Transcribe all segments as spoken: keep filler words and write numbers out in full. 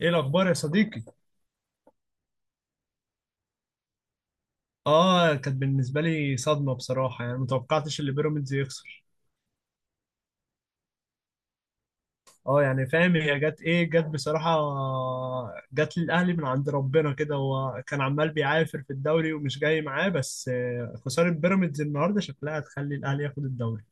ايه الاخبار يا صديقي؟ اه، كانت بالنسبه لي صدمه بصراحه، يعني متوقعتش اللي بيراميدز يخسر. اه، يعني فاهم، هي جت ايه؟ جت بصراحه، جت للاهلي من عند ربنا كده. هو كان عمال بيعافر في الدوري ومش جاي معاه، بس آه، خساره بيراميدز النهارده شكلها هتخلي الاهلي ياخد الدوري.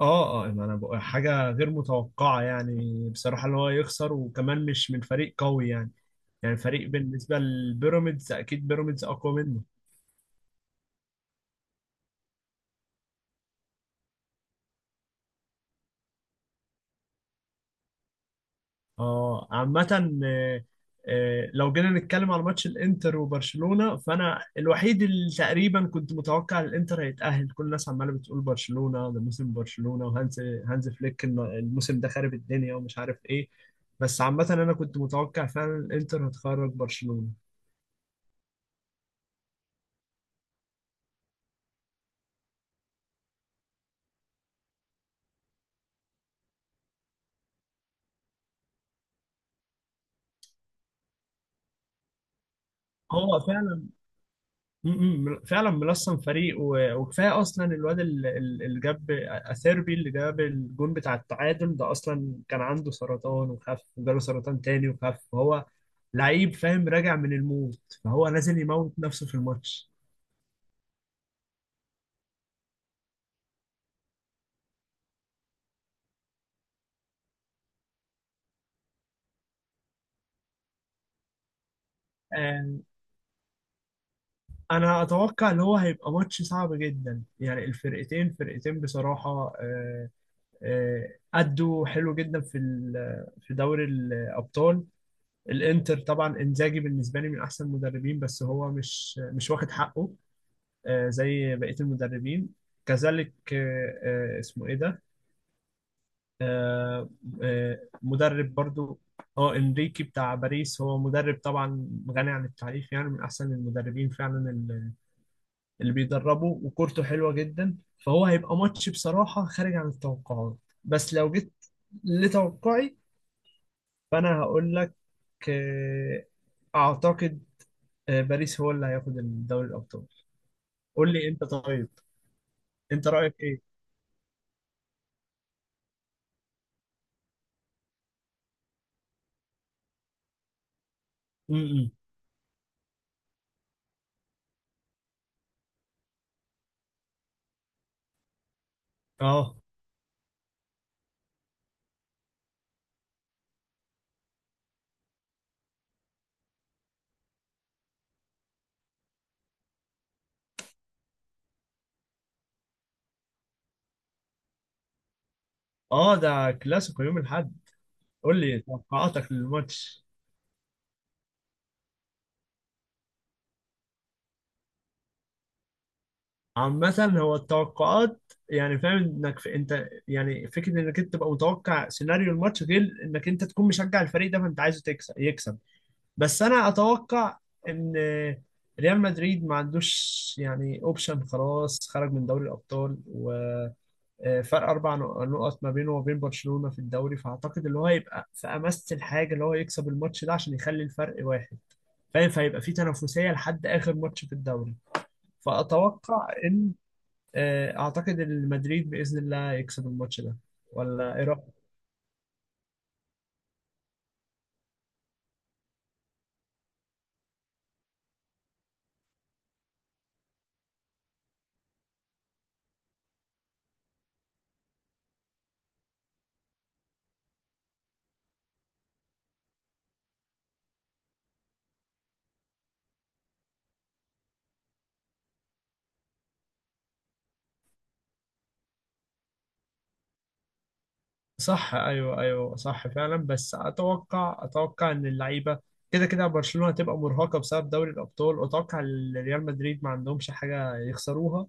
اه اه، يعني انا بقول حاجه غير متوقعه، يعني بصراحه اللي هو يخسر، وكمان مش من فريق قوي، يعني يعني فريق بالنسبه لبيراميدز، اكيد بيراميدز اقوى منه. اه، عامة. آه، آه، لو جينا نتكلم على ماتش الانتر وبرشلونة، فانا الوحيد اللي تقريبا كنت متوقع الانتر هيتأهل. كل الناس عمالة بتقول برشلونة، ده موسم برشلونة، وهانز هانز فليك، الم- الموسم ده خارب الدنيا ومش عارف ايه. بس عامة انا كنت متوقع فعلا الانتر هتخرج برشلونة. هو فعلا، م- م- فعلا ملصم فريق، و- وكفايه. اصلا الواد ال- ال- اللي جاب اثيربي، اللي جاب الجون بتاع التعادل ده، اصلا كان عنده سرطان وخف، وجاله سرطان تاني وخف، فهو لعيب فاهم، راجع من الموت، فهو نازل يموت نفسه في الماتش. آه، انا اتوقع ان هو هيبقى ماتش صعب جدا، يعني الفرقتين فرقتين بصراحه. آه، آه، أدوا حلو جدا في ال- في دوري الأبطال. الانتر طبعا انزاجي بالنسبه لي من احسن المدربين، بس هو مش مش واخد حقه آه، زي بقيه المدربين. كذلك آه، آه، اسمه ايه ده؟ آه، آه، مدرب برضو. اه، انريكي بتاع باريس، هو مدرب طبعا غني عن التعريف، يعني من احسن المدربين فعلا، اللي اللي بيدربوا، وكورته حلوه جدا، فهو هيبقى ماتش بصراحه خارج عن التوقعات. بس لو جيت لتوقعي، فانا هقول لك، آه، اعتقد آه، باريس هو اللي هياخد دوري الابطال. قول لي انت طيب، انت رايك ايه؟ امم. اه اه، ده كلاسيكو يوم الاحد. قول لي توقعاتك للماتش. عامة، هو التوقعات يعني فاهم انك في، انت يعني فكرة انك انت تبقى متوقع سيناريو الماتش غير انك انت تكون مشجع الفريق ده، فانت عايزه تكسب يكسب. بس انا اتوقع ان ريال مدريد ما عندوش يعني اوبشن، خلاص خرج من دوري الابطال، و آه، فرق اربع نقط ما بينه وبين برشلونة في الدوري، فاعتقد اللي هو هيبقى في امس الحاجه اللي هو يكسب الماتش ده عشان يخلي الفرق واحد، فاهم؟ فهيبقى في تنافسيه لحد اخر ماتش في الدوري. فاتوقع ان آه، اعتقد ان مدريد باذن الله يكسب الماتش ده، ولا ايه رايك؟ صح، ايوه ايوه، صح فعلا. بس اتوقع اتوقع ان اللعيبه كده كده، برشلونه هتبقى مرهقه بسبب دوري الابطال، واتوقع إن ريال مدريد ما عندهمش حاجه يخسروها،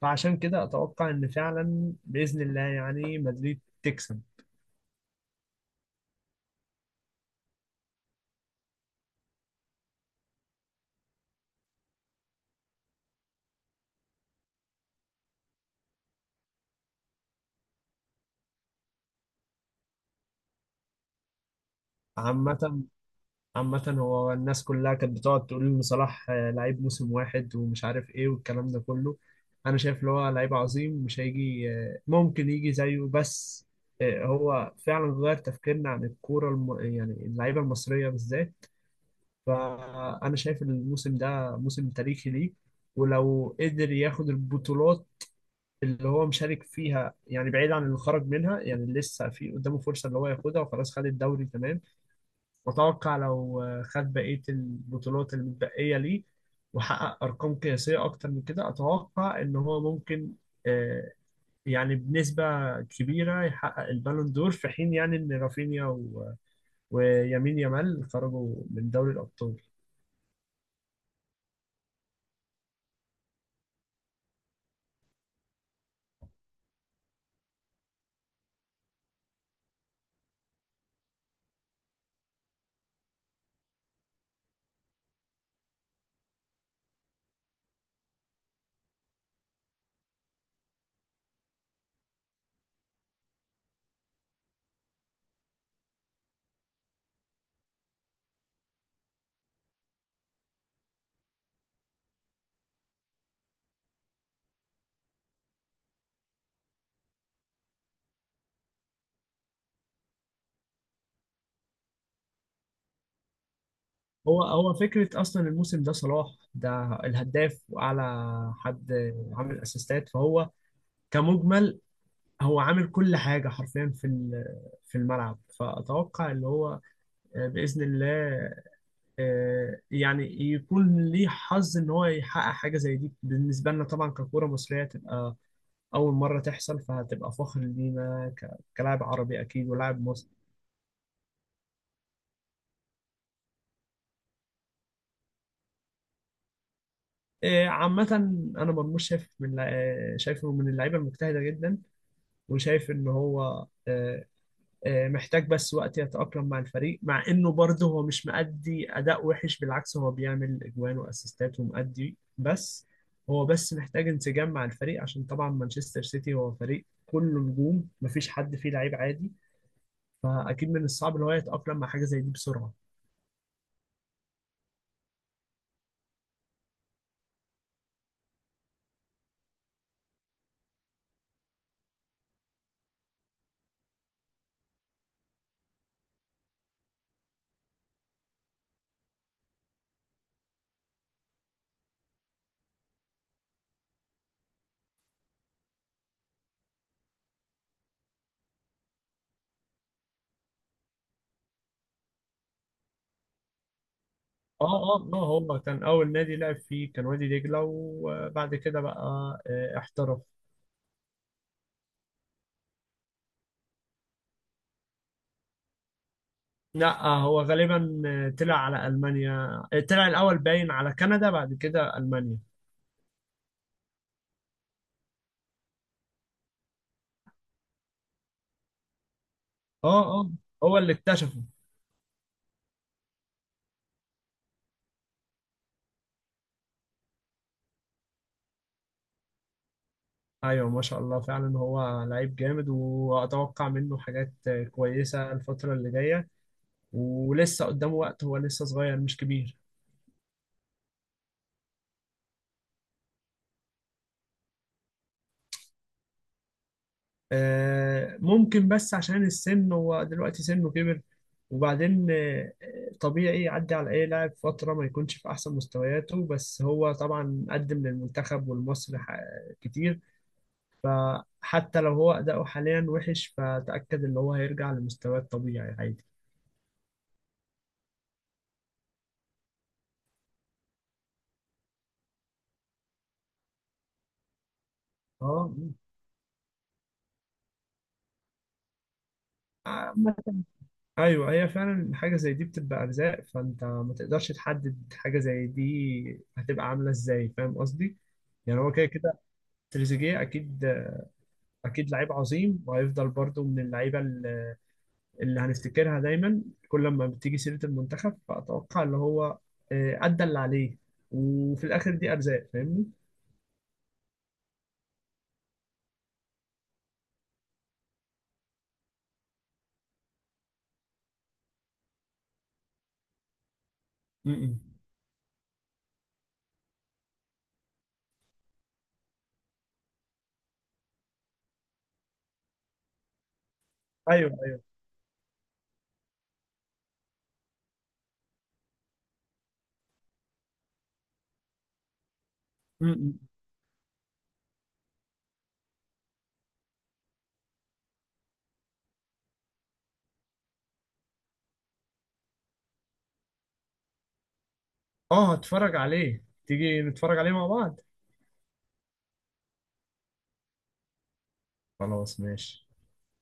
فعشان كده اتوقع ان فعلا باذن الله يعني مدريد تكسب. عامه عامه هو الناس كلها كانت بتقعد تقول ان صلاح آه، لعيب موسم واحد، ومش عارف ايه والكلام ده كله. انا شايف ان هو لعيب عظيم، مش هيجي آه، ممكن يجي زيه. بس آه، هو فعلا غير تفكيرنا عن الكوره الم... يعني اللعيبه المصريه بالذات. فانا شايف ان الموسم ده موسم تاريخي ليه. ولو قدر ياخد البطولات اللي هو مشارك فيها، يعني بعيد عن اللي خرج منها، يعني لسه في قدامه فرصة اللي هو ياخدها، وخلاص خد الدوري تمام. وأتوقع لو خد بقية البطولات المتبقية ليه، وحقق أرقام قياسية أكتر من كده، أتوقع إن هو ممكن آه، يعني بنسبة كبيرة يحقق البالون دور، في حين يعني إن رافينيا و- ويمين يامال خرجوا من دوري الأبطال. هو هو فكرة أصلا الموسم ده صلاح ده الهداف وأعلى حد عامل أسيستات، فهو كمجمل هو عامل كل حاجة حرفيا في ال- في الملعب. فأتوقع اللي هو آه، بإذن الله آه، يعني يكون ليه حظ إن هو يحقق حاجة زي دي. بالنسبة لنا طبعا ككورة مصرية، تبقى أول مرة تحصل، فهتبقى فخر لينا ك- كلاعب عربي أكيد، ولاعب مصري. آه، عامة، أنا مرموش شايف من، آه، شايفه من اللعيبة المجتهدة جدا، وشايف إن هو آه، آه، محتاج بس وقت يتأقلم مع الفريق، مع انه برضه هو مش مأدي اداء وحش، بالعكس هو بيعمل اجوان واسيستات ومأدي، بس هو بس محتاج انسجام مع الفريق، عشان طبعا مانشستر سيتي هو فريق كله نجوم، مفيش حد فيه لعيب عادي، فاكيد من الصعب ان هو يتأقلم مع حاجة زي دي بسرعة. اه اه اه، هو كان اول نادي لعب فيه كان وادي دجلة، وبعد كده بقى آه، احترف. لا، آه، هو غالبا آه، طلع على المانيا. آه، طلع الاول باين على كندا، بعد كده المانيا. اه اه، هو اللي اكتشفه. ايوه، ما شاء الله، فعلا هو لعيب جامد، واتوقع منه حاجات كويسه الفتره اللي جايه. ولسه قدامه وقت، هو لسه صغير مش كبير. آه، ممكن، بس عشان السن هو دلوقتي سنه كبر. وبعدين آه، طبيعي يعدي على اي لاعب فتره ما يكونش في احسن مستوياته، بس هو طبعا قدم للمنتخب والمصري ح- كتير، فحتى لو هو اداؤه حاليا وحش، فتاكد ان هو هيرجع لمستواه الطبيعي عادي. اه، عامة، ايوه هي فعلا حاجه زي دي بتبقى ارزاق، فانت ما تقدرش تحدد حاجه زي دي هتبقى عامله ازاي، فاهم قصدي؟ يعني هو كده كده تريزيجيه اكيد، اكيد لعيب عظيم، وهيفضل برضو من اللعيبه اللي اللي هنفتكرها دايما كل ما بتيجي سيره المنتخب. فاتوقع اللي هو آه، ادى اللي عليه، وفي الاخر دي ارزاق، فاهمني؟ م-م. ايوه ايوه. م- م. اه، هتفرج عليه؟ تيجي نتفرج عليه مع بعض. خلاص ماشي.